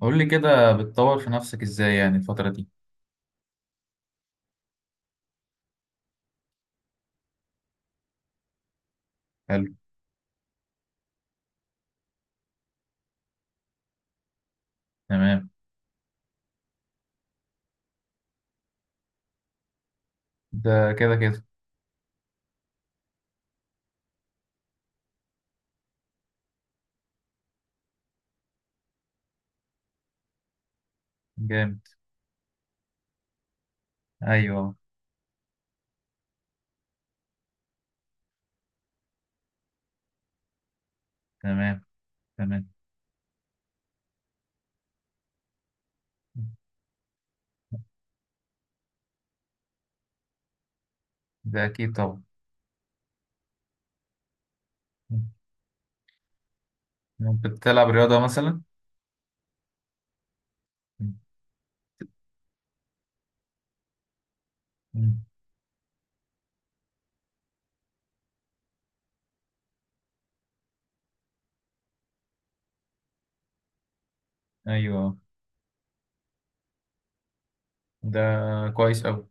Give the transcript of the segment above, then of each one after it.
قول لي كده، بتطور في نفسك ازاي يعني الفترة دي؟ حلو. تمام. ده كده كده. جامد. ايوه. تمام. تمام. ده اكيد طبعا. بتلعب رياضة مثلا؟ مم. ايوه. ده كويس اوي.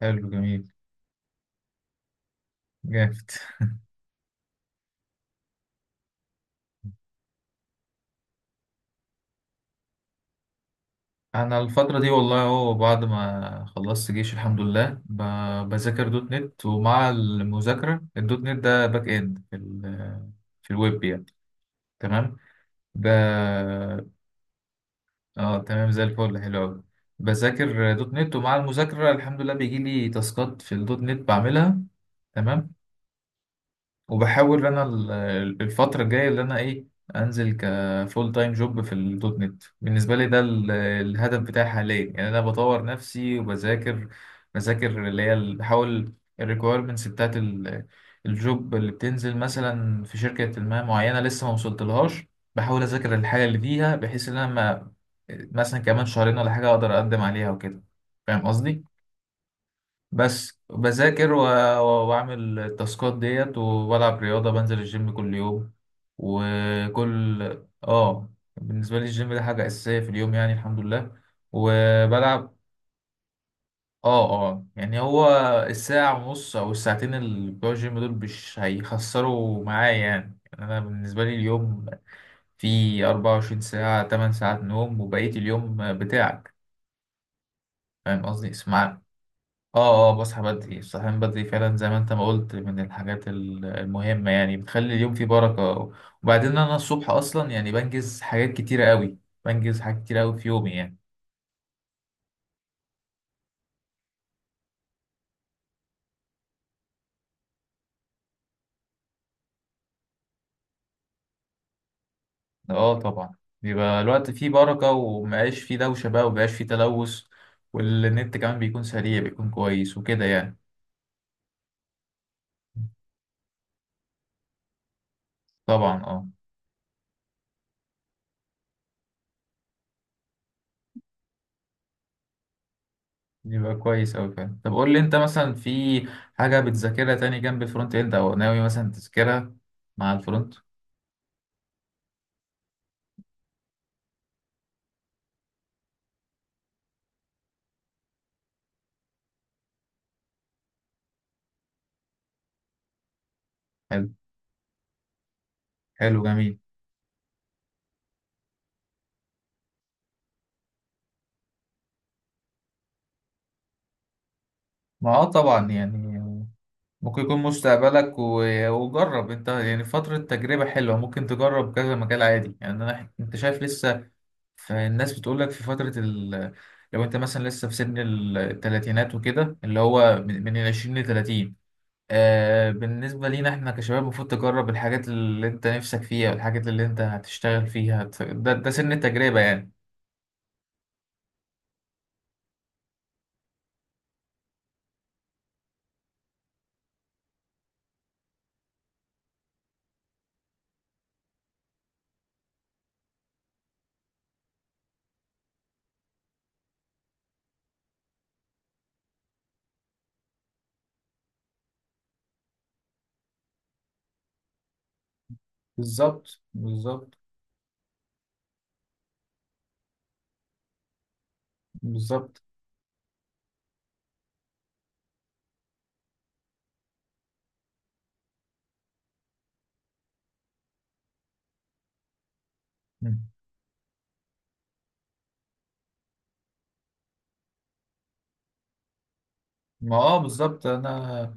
حلو جميل. جامد. انا الفترة دي والله اهو، بعد ما خلصت جيش الحمد لله بذاكر دوت نت، ومع المذاكرة الدوت نت ده باك اند في في الويب يعني. تمام. ب- اه تمام زي الفل، حلو قوي. بذاكر دوت نت، ومع المذاكرة الحمد لله بيجي لي تاسكات في الدوت نت بعملها. تمام. وبحاول انا الفترة الجاية اللي انا ايه، انزل كفول تايم جوب في الدوت نت. بالنسبة لي ده الهدف بتاعي حاليا يعني، انا بطور نفسي وبذاكر. بذاكر اللي هي بحاول الريكويرمنتس بتاعت الجوب اللي بتنزل مثلا في شركة ما معينة لسه ما وصلتلهاش، بحاول اذاكر الحاجة اللي فيها، بحيث ان انا ما، مثلا كمان شهرين ولا حاجة اقدر اقدم عليها وكده. فاهم قصدي؟ بس بذاكر واعمل التاسكات ديت، وبلعب رياضة، بنزل الجيم كل يوم وكل، اه. بالنسبة لي الجيم ده حاجة أساسية في اليوم يعني، الحمد لله. وبلعب، اه اه. يعني هو الساعة ونص أو الساعتين اللي بتوع الجيم دول مش هيخسروا معايا يعني. يعني أنا بالنسبة لي اليوم فيه 24 ساعة، 8 ساعات نوم وبقية اليوم بتاعك. فاهم قصدي؟ اسمع، اه اه، بصحى بدري. الصحيان بدري فعلا زي ما انت ما قلت، من الحاجات المهمة يعني، بتخلي اليوم فيه بركة. وبعدين انا الصبح اصلا يعني بنجز حاجات كتيرة قوي، بنجز حاجات كتيرة قوي في يومي يعني. اه طبعا. بيبقى الوقت فيه بركة، ومبقاش فيه دوشة بقى، ومبقاش فيه تلوث. والنت كمان بيكون سريع، بيكون كويس وكده يعني. طبعا اه. بيبقى كويس قوي فعلا. طب قول لي انت مثلا في حاجة بتذاكرها تاني جنب الفرونت اند، او ناوي مثلا تذاكرها مع الفرونت؟ حلو. حلو جميل. ما اه طبعا يعني. ممكن يكون مستقبلك، وجرب انت يعني فترة تجربة حلوة، ممكن تجرب كذا مجال عادي يعني. انا انت شايف لسه، فالناس بتقولك في فترة لو انت مثلا لسه في سن التلاتينات وكده، اللي هو من العشرين لتلاتين. آه بالنسبة لينا احنا كشباب المفروض تجرب الحاجات اللي انت نفسك فيها، والحاجات اللي انت هتشتغل فيها. ده, ده سن التجربة يعني. بالظبط. بالظبط. بالظبط. مم. ما اه بالظبط انا.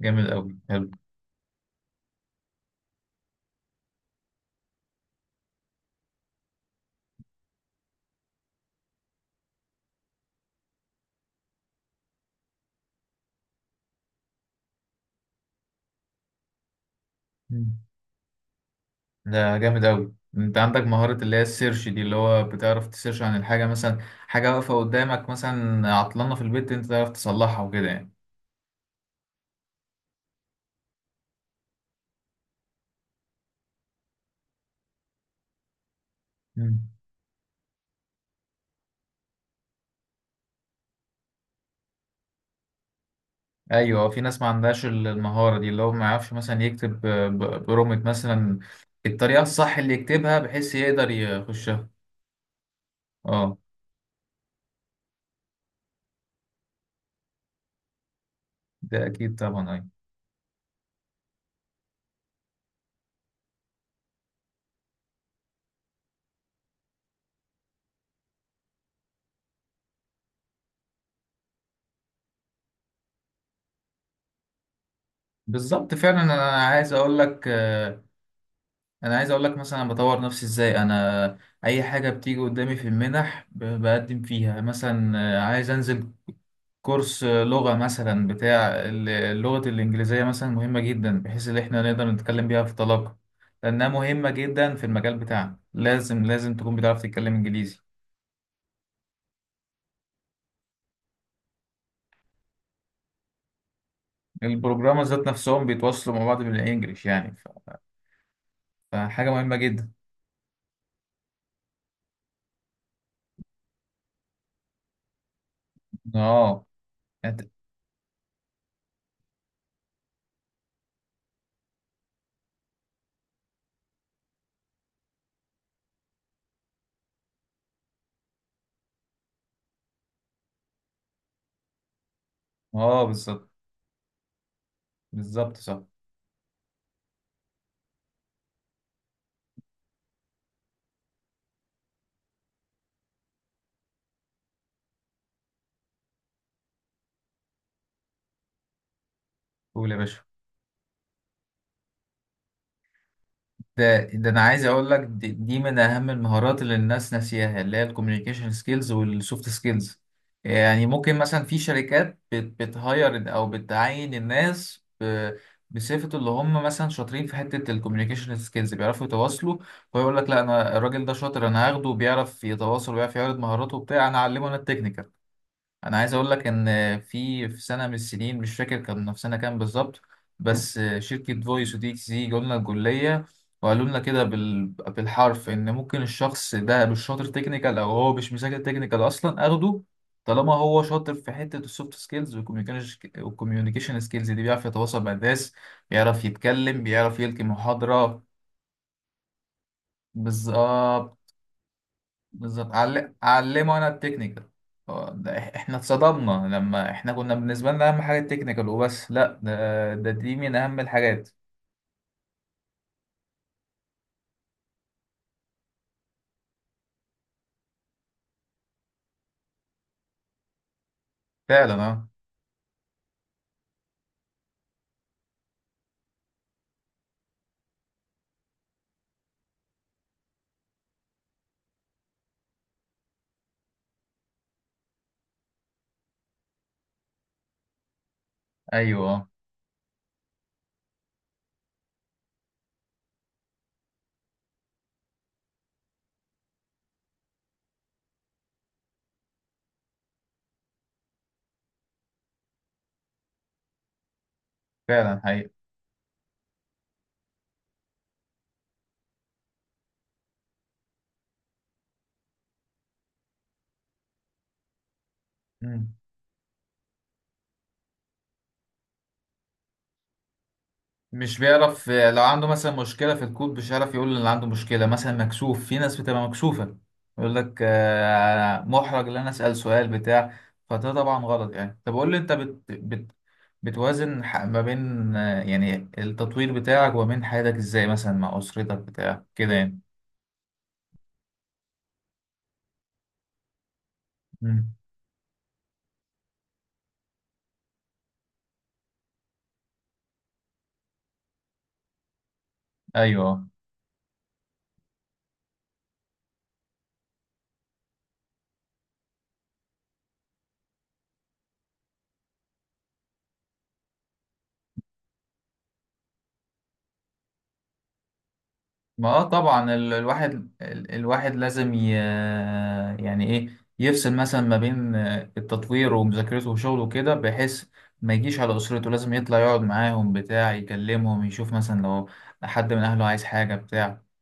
جامد قوي. مم. ده جامد أوي، أنت عندك مهارة اللي هي السيرش دي، اللي هو بتعرف تسيرش عن الحاجة مثلا، حاجة واقفة قدامك مثلا عطلانة في البيت أنت تعرف تصلحها وكده يعني. مم. أيوة. في ناس ما عندهاش المهارة دي، اللي هو ما يعرفش مثلا يكتب برومت مثلا الطريقة الصح اللي يكتبها بحيث يقدر يخشها. أه. ده أكيد طبعا. أيوة. بالظبط فعلا. أنا عايز أقول لك، انا عايز اقول لك مثلا أنا بطور نفسي ازاي. انا اي حاجه بتيجي قدامي في المنح بقدم فيها مثلا. عايز انزل كورس، لغه مثلا بتاع لغه الانجليزيه مثلا، مهمه جدا بحيث ان احنا نقدر نتكلم بيها في طلاقه. لانها مهمه جدا في المجال بتاعنا، لازم لازم تكون بتعرف تتكلم انجليزي. البروجرامر ذات نفسهم بيتواصلوا مع بعض بالانجليش يعني، فحاجه مهمه جدا. اه. أنت-. اه بالظبط. بالظبط صح. قول يا باشا. ده ده انا عايز اقول لك، دي, دي من اهم المهارات اللي الناس ناسياها، اللي هي الكوميونيكيشن سكيلز والسوفت سكيلز. يعني ممكن مثلا في شركات بتهاير او بتعين الناس بصفة اللي هم مثلا شاطرين في حتة الكوميونيكيشن سكيلز، بيعرفوا يتواصلوا، ويقول لك لا انا الراجل ده شاطر، انا هاخده، وبيعرف يتواصل وبيعرف يعرض مهاراته وبتاع، انا اعلمه انا التكنيكال. انا عايز اقول لك ان في في سنه من السنين، مش فاكر كان في سنه كام بالظبط، بس شركه فويس ودي اكس دي جولنا الجوليه، وقالوا لنا كده بالحرف ان ممكن الشخص ده مش شاطر تكنيكال او هو مش مذاكر تكنيكال اصلا، اخده طالما هو شاطر في حته السوفت سكيلز والكوميونيكيشن سكيلز دي، بيعرف يتواصل مع الناس، بيعرف يتكلم، بيعرف يلقي محاضره. بالظبط. بالظبط. علمه انا التكنيكال. هو ده، احنا اتصدمنا لما احنا كنا، بالنسبه لنا اهم حاجه التكنيكال وبس، لا، ده, ده دي من اهم الحاجات. فعلا اه. ايوه آه. فعلا. حقيقي. مش بيعرف لو عنده مثلا مشكلة في الكود مش هيعرف يقول إن عنده مشكلة، مثلا مكسوف، في ناس بتبقى مكسوفة، يقول لك محرج إن أنا أسأل سؤال بتاع. فده طبعا غلط يعني. طب قول لي أنت بت بت بتوازن ما بين يعني التطوير بتاعك وما بين حياتك، إزاي مثلا مع أسرتك بتاع كده يعني؟ مم. أيوه. ما اه طبعا. الواحد، الواحد لازم يعني ايه، يفصل مثلا ما بين التطوير ومذاكرته وشغله وكده، بحيث ما يجيش على اسرته. لازم يطلع يقعد معاهم بتاع يكلمهم، يشوف مثلا لو حد من اهله عايز حاجة بتاع